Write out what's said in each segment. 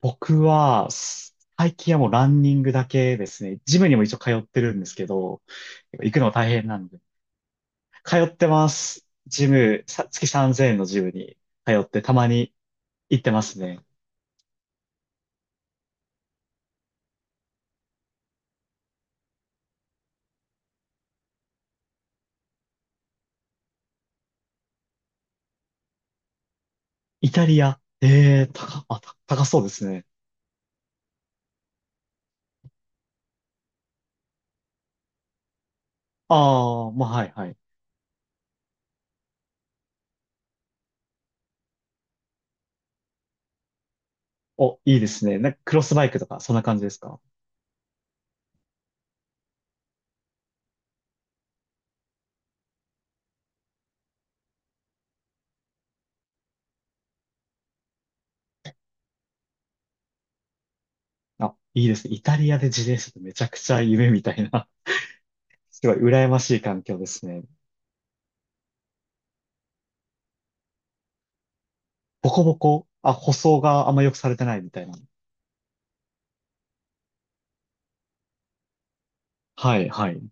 僕は、最近はもうランニングだけですね。ジムにも一応通ってるんですけど、行くの大変なんで。通ってます。ジム、月3000円のジムに通って、たまに行ってますね。イタリア。高、あ、た高そうですね。ああ、まあ、はい、はい。お、いいですね。なんかクロスバイクとか、そんな感じですか？あ、いいですね。イタリアで自転車ってめちゃくちゃ夢みたいな、すごい羨ましい環境ですね。ボコボコ、あ、舗装があんま良くされてないみたいな。はい、はい。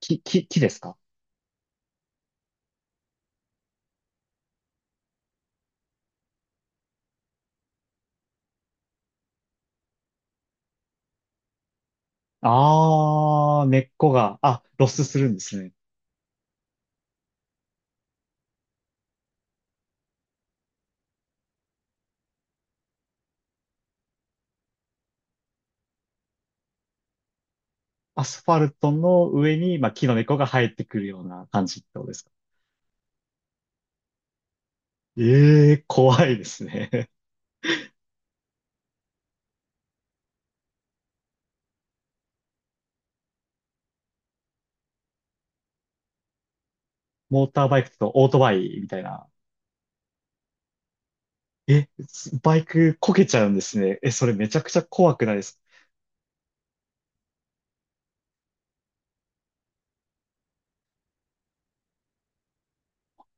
木ですか？ああー、根っこが、あ、ロスするんですね。アスファルトの上に、まあ、木の根っこが生えてくるような感じってことですか？ええー、怖いですね。モーターバイクとオートバイみたいな。バイクこけちゃうんですね。え、それめちゃくちゃ怖くないですか？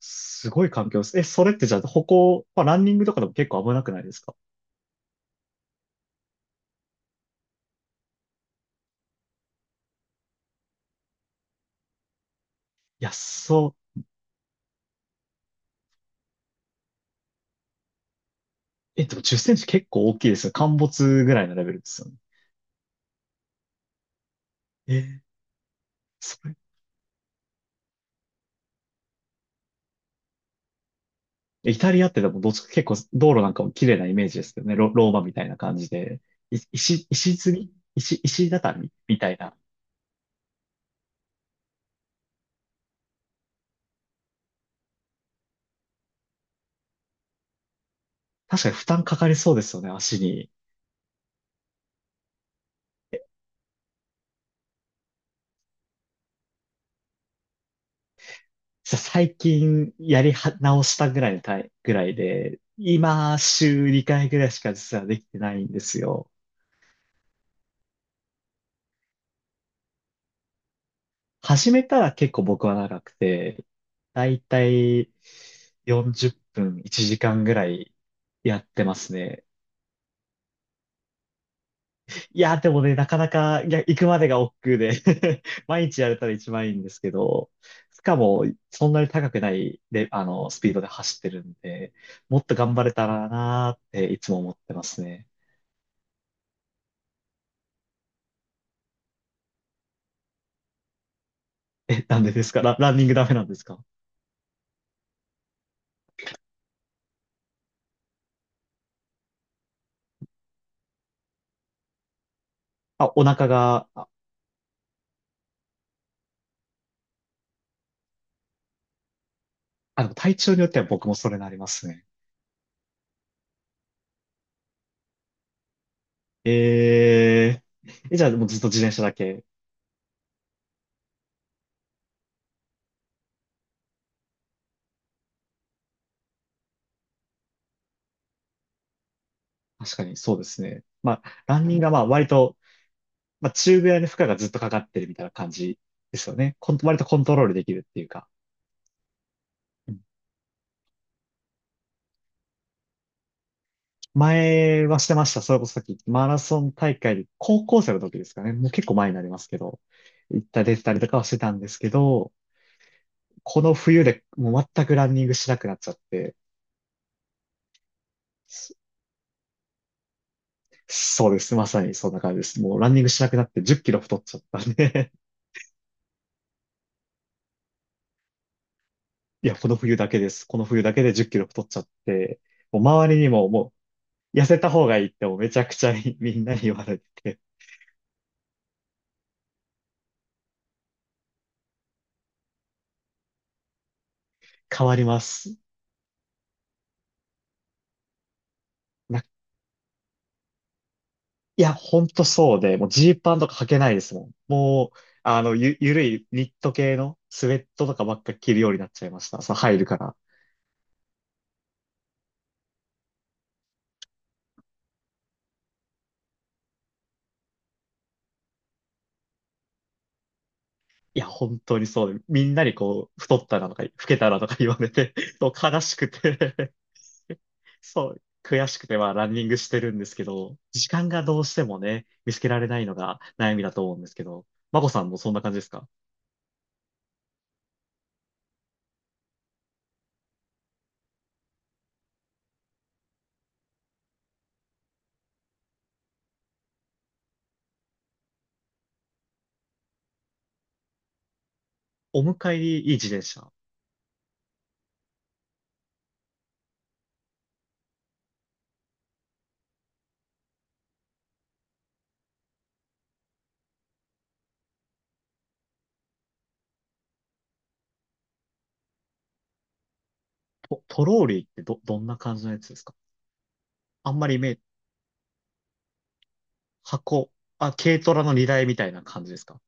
すごい環境です。え、それってじゃあ歩行、まあ、ランニングとかでも結構危なくないですか？いや、そう。え、でも10センチ結構大きいですよ。陥没ぐらいのレベルですよね。えー、そイタリアってでもどっちか結構道路なんかも綺麗なイメージですけどね。ローマみたいな感じで。い石、石積み石、石畳みたいな。確かに負担かかりそうですよね、足に。最近やりは直したぐらいのぐらいで、今週2回ぐらいしか実はできてないんですよ。始めたら結構僕は長くて、だいたい40分、1時間ぐらいやってますね。いや、でもね、なかなか、いや、行くまでが億劫で 毎日やれたら一番いいんですけど、しかも、そんなに高くない、で、スピードで走ってるんで、もっと頑張れたらなーっていつも思ってますね。え、なんでですか？ランニングダメなんですか？あ、お腹が、あ、体調によっては僕もそれなりますね。えー、え、じゃあもうずっと自転車だけ。確かにそうですね。まあ、ランニングがまあ割とまあ、中ぐらいの負荷がずっとかかってるみたいな感じですよね。コン割とコントロールできるっていうか。うん。前はしてました。それこそさっきマラソン大会で高校生の時ですかね。もう結構前になりますけど、行った出てたりとかはしてたんですけど、この冬でもう全くランニングしなくなっちゃって、そそうです。まさにそんな感じです。もうランニングしなくなって10キロ太っちゃったんで いや、この冬だけです。この冬だけで10キロ太っちゃって、もう周りにもう痩せた方がいいってもうめちゃくちゃみんなに言われて変わります。ないや、ほんとそうで、もうジーパンとか履けないですもん。もう、あの、ゆるいニット系のスウェットとかばっか着るようになっちゃいました。そう、入るから。いや、本当にそうで、みんなにこう、太ったなとか、老けたなとか言われて、そう悲しくて そう、悔しくて、まあ、ランニングしてるんですけど、時間がどうしてもね、見つけられないのが悩みだと思うんですけど、まこさんもそんな感じですか？お迎えにいい自転車。トローリーってどんな感じのやつですか？あんまりイメー箱、あ、軽トラの荷台みたいな感じですか？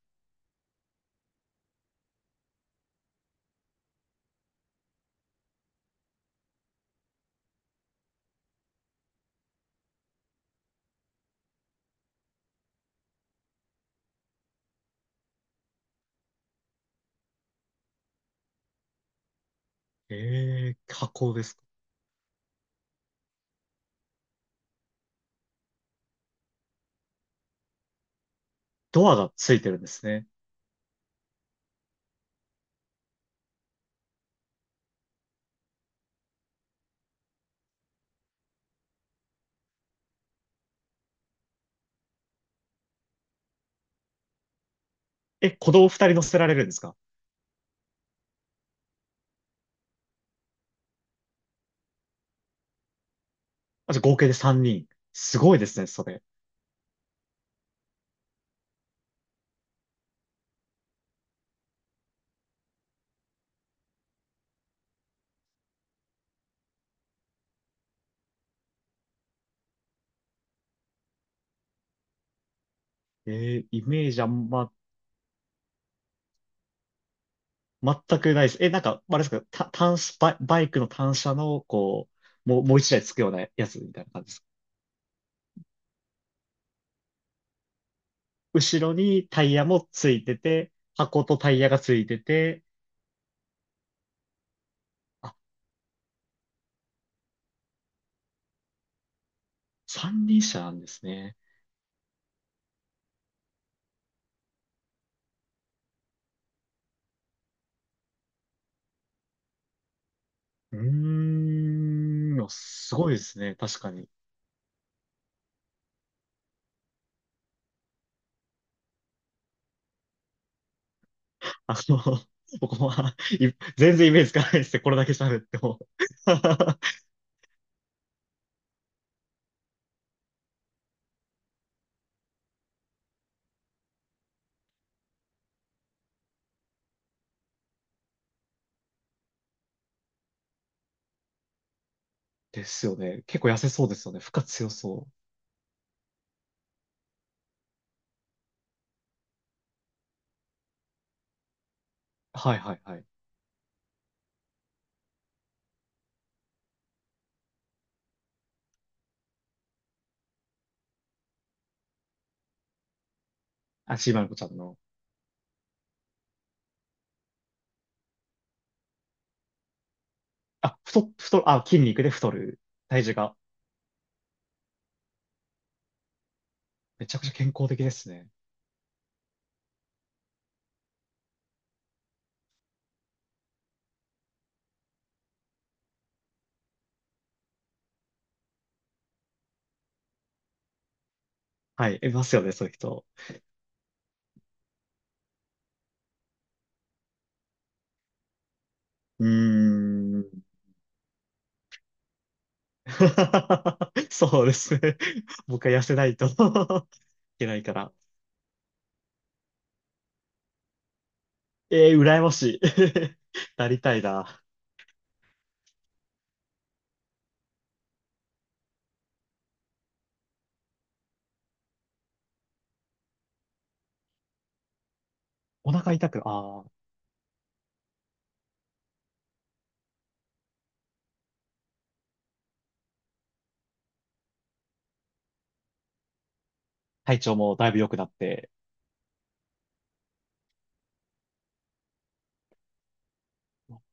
ええー箱ですか。ドアがついてるんですね。え、子供二人乗せられるんですか？あ、じゃあ合計で三人。すごいですね、それ。えーイメージあんま、全くないです。え、なんか、あれですか、単車、バイクの単車の、こう、もう一台つくようなやつみたいな感じですか。後ろにタイヤもついてて、箱とタイヤがついてて、あ、三輪車なんですね。うーん、すごいですね、確かに。あの、僕は、全然イメージつかないですね。これだけ喋っても。ですよね。結構痩せそうですよね。負荷強そう。はいはいはい。あ、シーマルコちゃんの。あ、太、太、あ、筋肉で太る。体重が。めちゃくちゃ健康的ですね。はい。いますよね、そういう人。うーん。そうですね。僕は痩せないと いけないから。えー、羨ましい。なりたいな。お腹痛く、ああ、体調もだいぶ良くなって、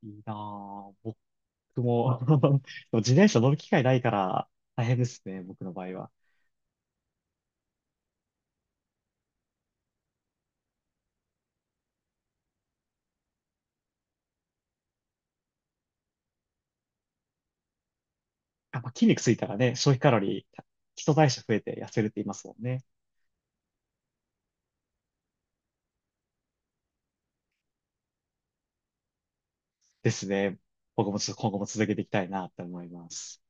いいなぁ。僕も でも自転車乗る機会ないから大変ですね、僕の場合は。やっぱ筋肉ついたらね、消費カロリー、基礎代謝増えて痩せるって言いますもんね。ですね。僕もちょっと今後も続けていきたいなって思います。